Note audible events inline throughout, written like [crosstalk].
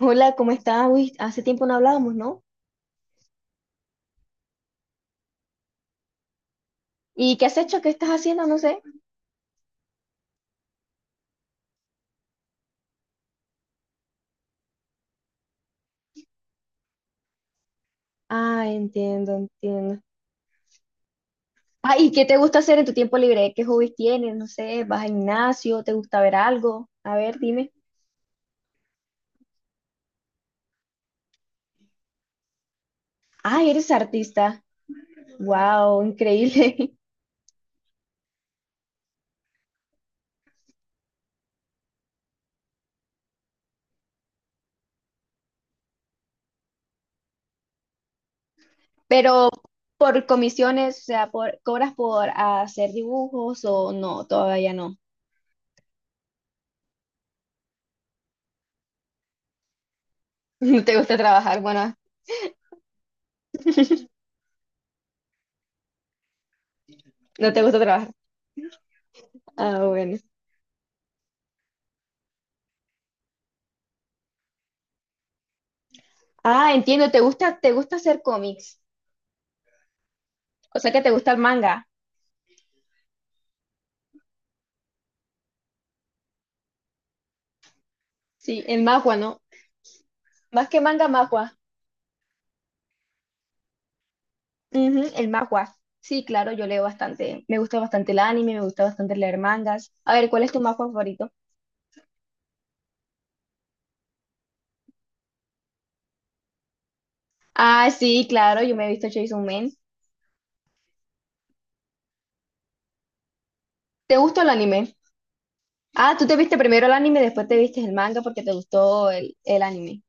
Hola, ¿cómo estás? Uy, hace tiempo no hablábamos, ¿no? ¿Y qué has hecho? ¿Qué estás haciendo? No sé. Ah, entiendo, entiendo. Ah, ¿y qué te gusta hacer en tu tiempo libre? ¿Qué hobbies tienes? No sé, ¿vas al gimnasio? ¿Te gusta ver algo? A ver, dime. Ah, eres artista. Wow, increíble. [laughs] Pero por comisiones, o sea, por, ¿cobras por hacer dibujos o no? Todavía no. [laughs] No te gusta trabajar, bueno, no te gusta trabajar. Ah, bueno. Ah, entiendo, te gusta hacer cómics. O sea que te gusta el manga. Sí, el manhwa, ¿no? Más que manga, manhwa. Ujú, el manhwa. Sí, claro, yo leo bastante. Me gusta bastante el anime, me gusta bastante leer mangas. A ver, ¿cuál es tu manhwa favorito? Ah, sí, claro, yo me he visto Chainsaw Man. ¿Te gustó el anime? Ah, tú te viste primero el anime, después te viste el manga porque te gustó el anime.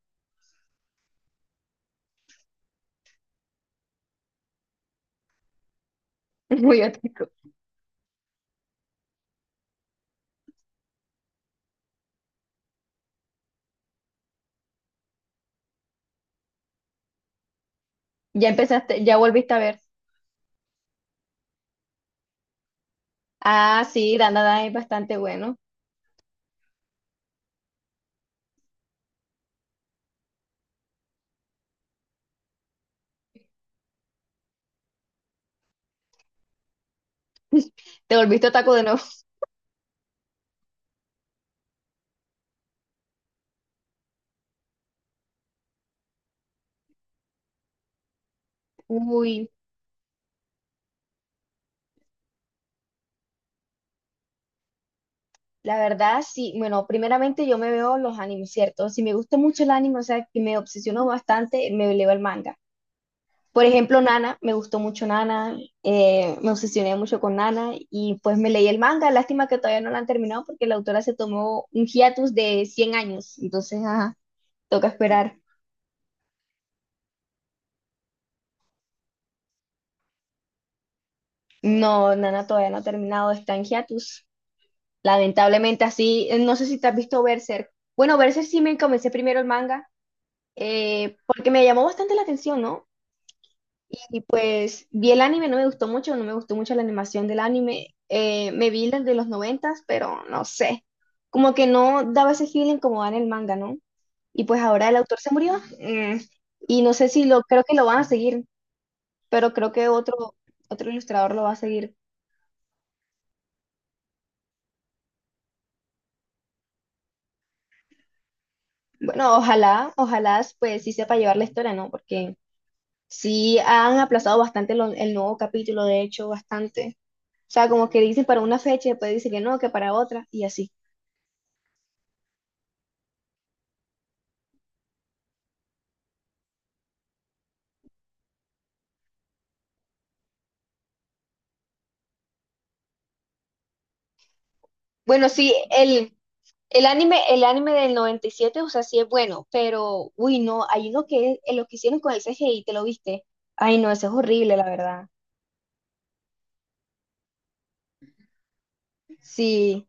[laughs] Muy ótico. Ya empezaste, ya volviste a ver. Ah, sí, Dandadan es bastante bueno. Te volviste otaku de nuevo. [laughs] Uy. La verdad, sí. Bueno, primeramente yo me veo los animes, ¿cierto? Si me gusta mucho el anime, o sea, que me obsesiono bastante, me leo el manga. Por ejemplo, Nana, me gustó mucho Nana, me obsesioné mucho con Nana y pues me leí el manga. Lástima que todavía no lo han terminado porque la autora se tomó un hiatus de 100 años. Entonces, ajá, toca esperar. No, Nana todavía no ha terminado, está en hiatus. Lamentablemente así, no sé si te has visto Berserk. Bueno, Berserk sí me comencé primero el manga porque me llamó bastante la atención, ¿no? Y pues vi el anime, no me gustó mucho, no me gustó mucho la animación del anime. Me vi las de los noventas, pero no sé. Como que no daba ese feeling como da en el manga, ¿no? Y pues ahora el autor se murió. mm, y no sé si lo, creo que lo van a seguir, pero creo que otro, otro ilustrador lo va a seguir. Bueno, ojalá, ojalá pues sí sepa llevar la historia, ¿no? Porque sí han aplazado bastante lo- el nuevo capítulo, de hecho, bastante. O sea, como que dicen para una fecha y después dicen que no, que para otra, y así. Bueno, sí, el anime, el anime del 97, o sea, sí es bueno, pero, uy, no, hay uno que es, lo que hicieron con el CGI, ¿te lo viste? Ay, no, ese es horrible, la verdad. Sí,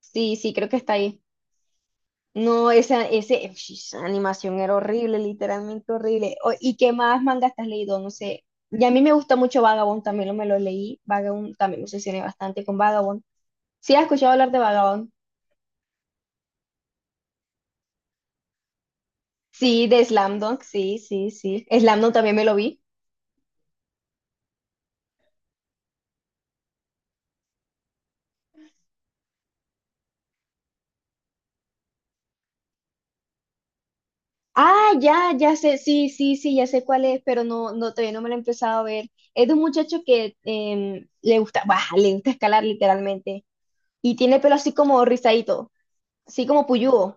sí, sí, creo que está ahí. No, esa, ese, ush, esa animación era horrible, literalmente horrible. O- ¿y qué más manga has leído? No sé. Y a mí me gusta mucho Vagabond, también lo, me lo leí. Vagabond, también me obsesioné bastante con Vagabond. ¿Sí has escuchado hablar de Vagabond? Sí, de Slam Dunk, sí, sí, sí. Slam Dunk también me lo vi. Ah, ya, ya sé, sí, sí, sí, ya sé cuál es, pero no, no, todavía no me lo he empezado a ver. Es de un muchacho que le gusta, [laughs] bah, le gusta escalar literalmente. Y tiene pelo así como rizadito, así como puyúo.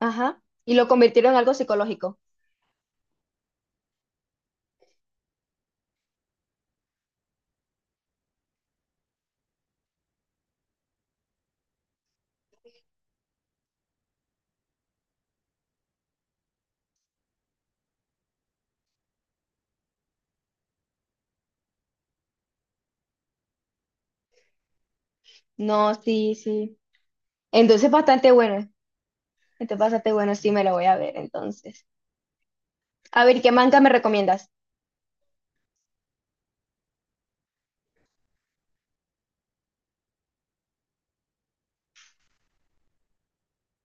Ajá. Y lo convirtieron en algo psicológico. No, sí, sí. Entonces bastante bueno. Entonces bastante bueno, sí me lo voy a ver entonces. A ver, ¿qué manga me recomiendas?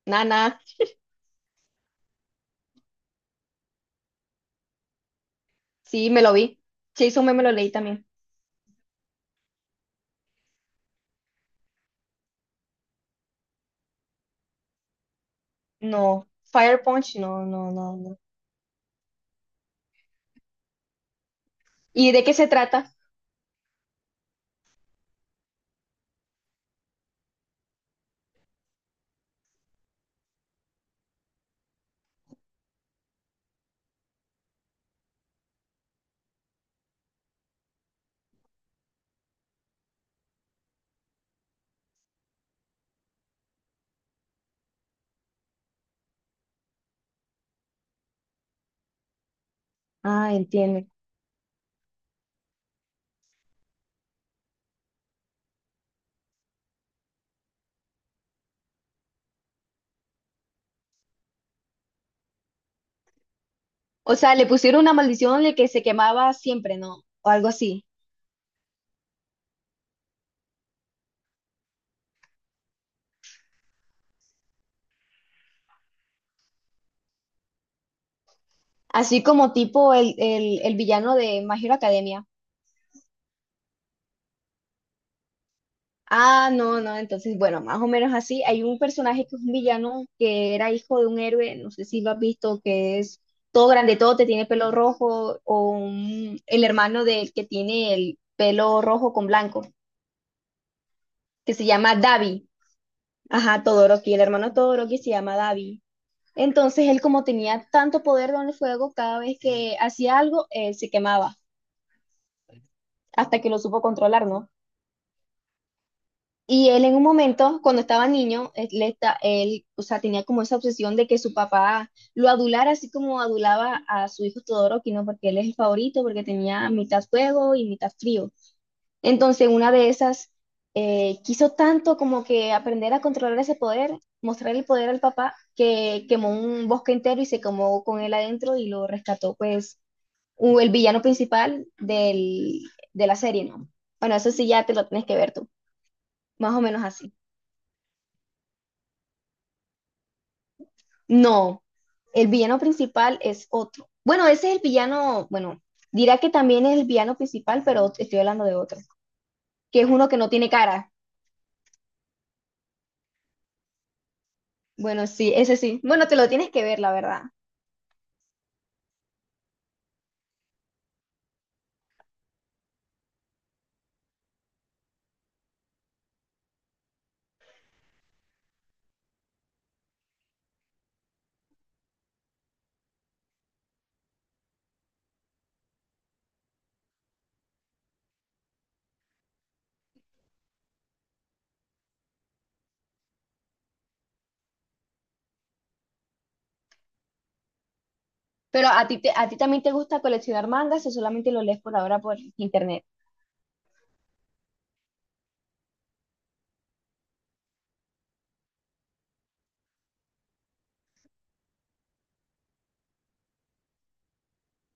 Nana, sí, me lo vi. Chainsaw Man me lo leí también. No, Fire Punch, no, no, no, no. ¿Y de qué se trata? Ah, entiendo. O sea, le pusieron una maldición de que se quemaba siempre, ¿no? O algo así. Así como tipo el villano de My Hero Academia. Ah, no, no, entonces, bueno, más o menos así. Hay un personaje que es un villano que era hijo de un héroe, no sé si lo has visto, que es todo grande, todo te tiene pelo rojo, o un- el hermano del que tiene el pelo rojo con blanco, que se llama Davi. Ajá, Todoroki, el hermano Todoroki se llama Davi. Entonces él como tenía tanto poder con el fuego, cada vez que hacía algo, él se quemaba, hasta que lo supo controlar, ¿no? Y él en un momento, cuando estaba niño, él, le esta- él, o sea, tenía como esa obsesión de que su papá lo adulara, así como adulaba a su hijo Todoroki, ¿no? Porque él es el favorito, porque tenía mitad fuego y mitad frío. Entonces, una de esas, quiso tanto como que aprender a controlar ese poder, mostrar el poder al papá, que quemó un bosque entero y se quemó con él adentro y lo rescató, pues, o el villano principal del, de la serie, ¿no? Bueno, eso sí ya te lo tienes que ver tú, más o menos así. No, el villano principal es otro. Bueno, ese es el villano, bueno, dirá que también es el villano principal, pero estoy hablando de otro, que es uno que no tiene cara. Bueno, sí, ese sí. Bueno, te lo tienes que ver, la verdad. Pero a ti, te- a ti también te gusta coleccionar mangas o solamente lo lees por ahora por internet.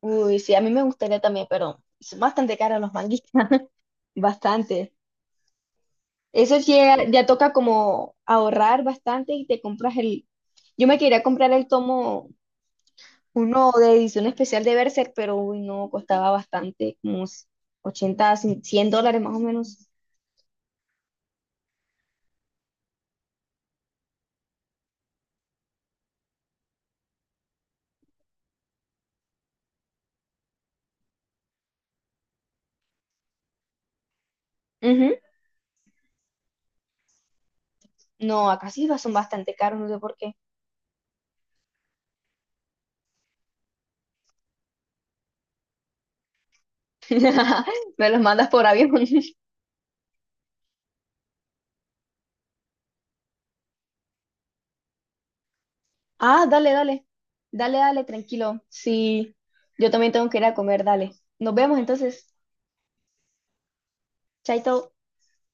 Uy, sí, a mí me gustaría también, pero son bastante caros los manguitas, [laughs] bastante. Eso sí, ya, ya toca como ahorrar bastante y te compras el... Yo me quería comprar el tomo uno de edición especial de Berserk, pero uy, no, costaba bastante, como unos ochenta, cien $100 más o menos. Ujú. No, acá sí va- son bastante caros, no sé por qué. [laughs] Me los mandas por avión. [laughs] Ah, dale, dale. Dale, dale, tranquilo. Sí, yo también tengo que ir a comer, dale. Nos vemos entonces. Chaito.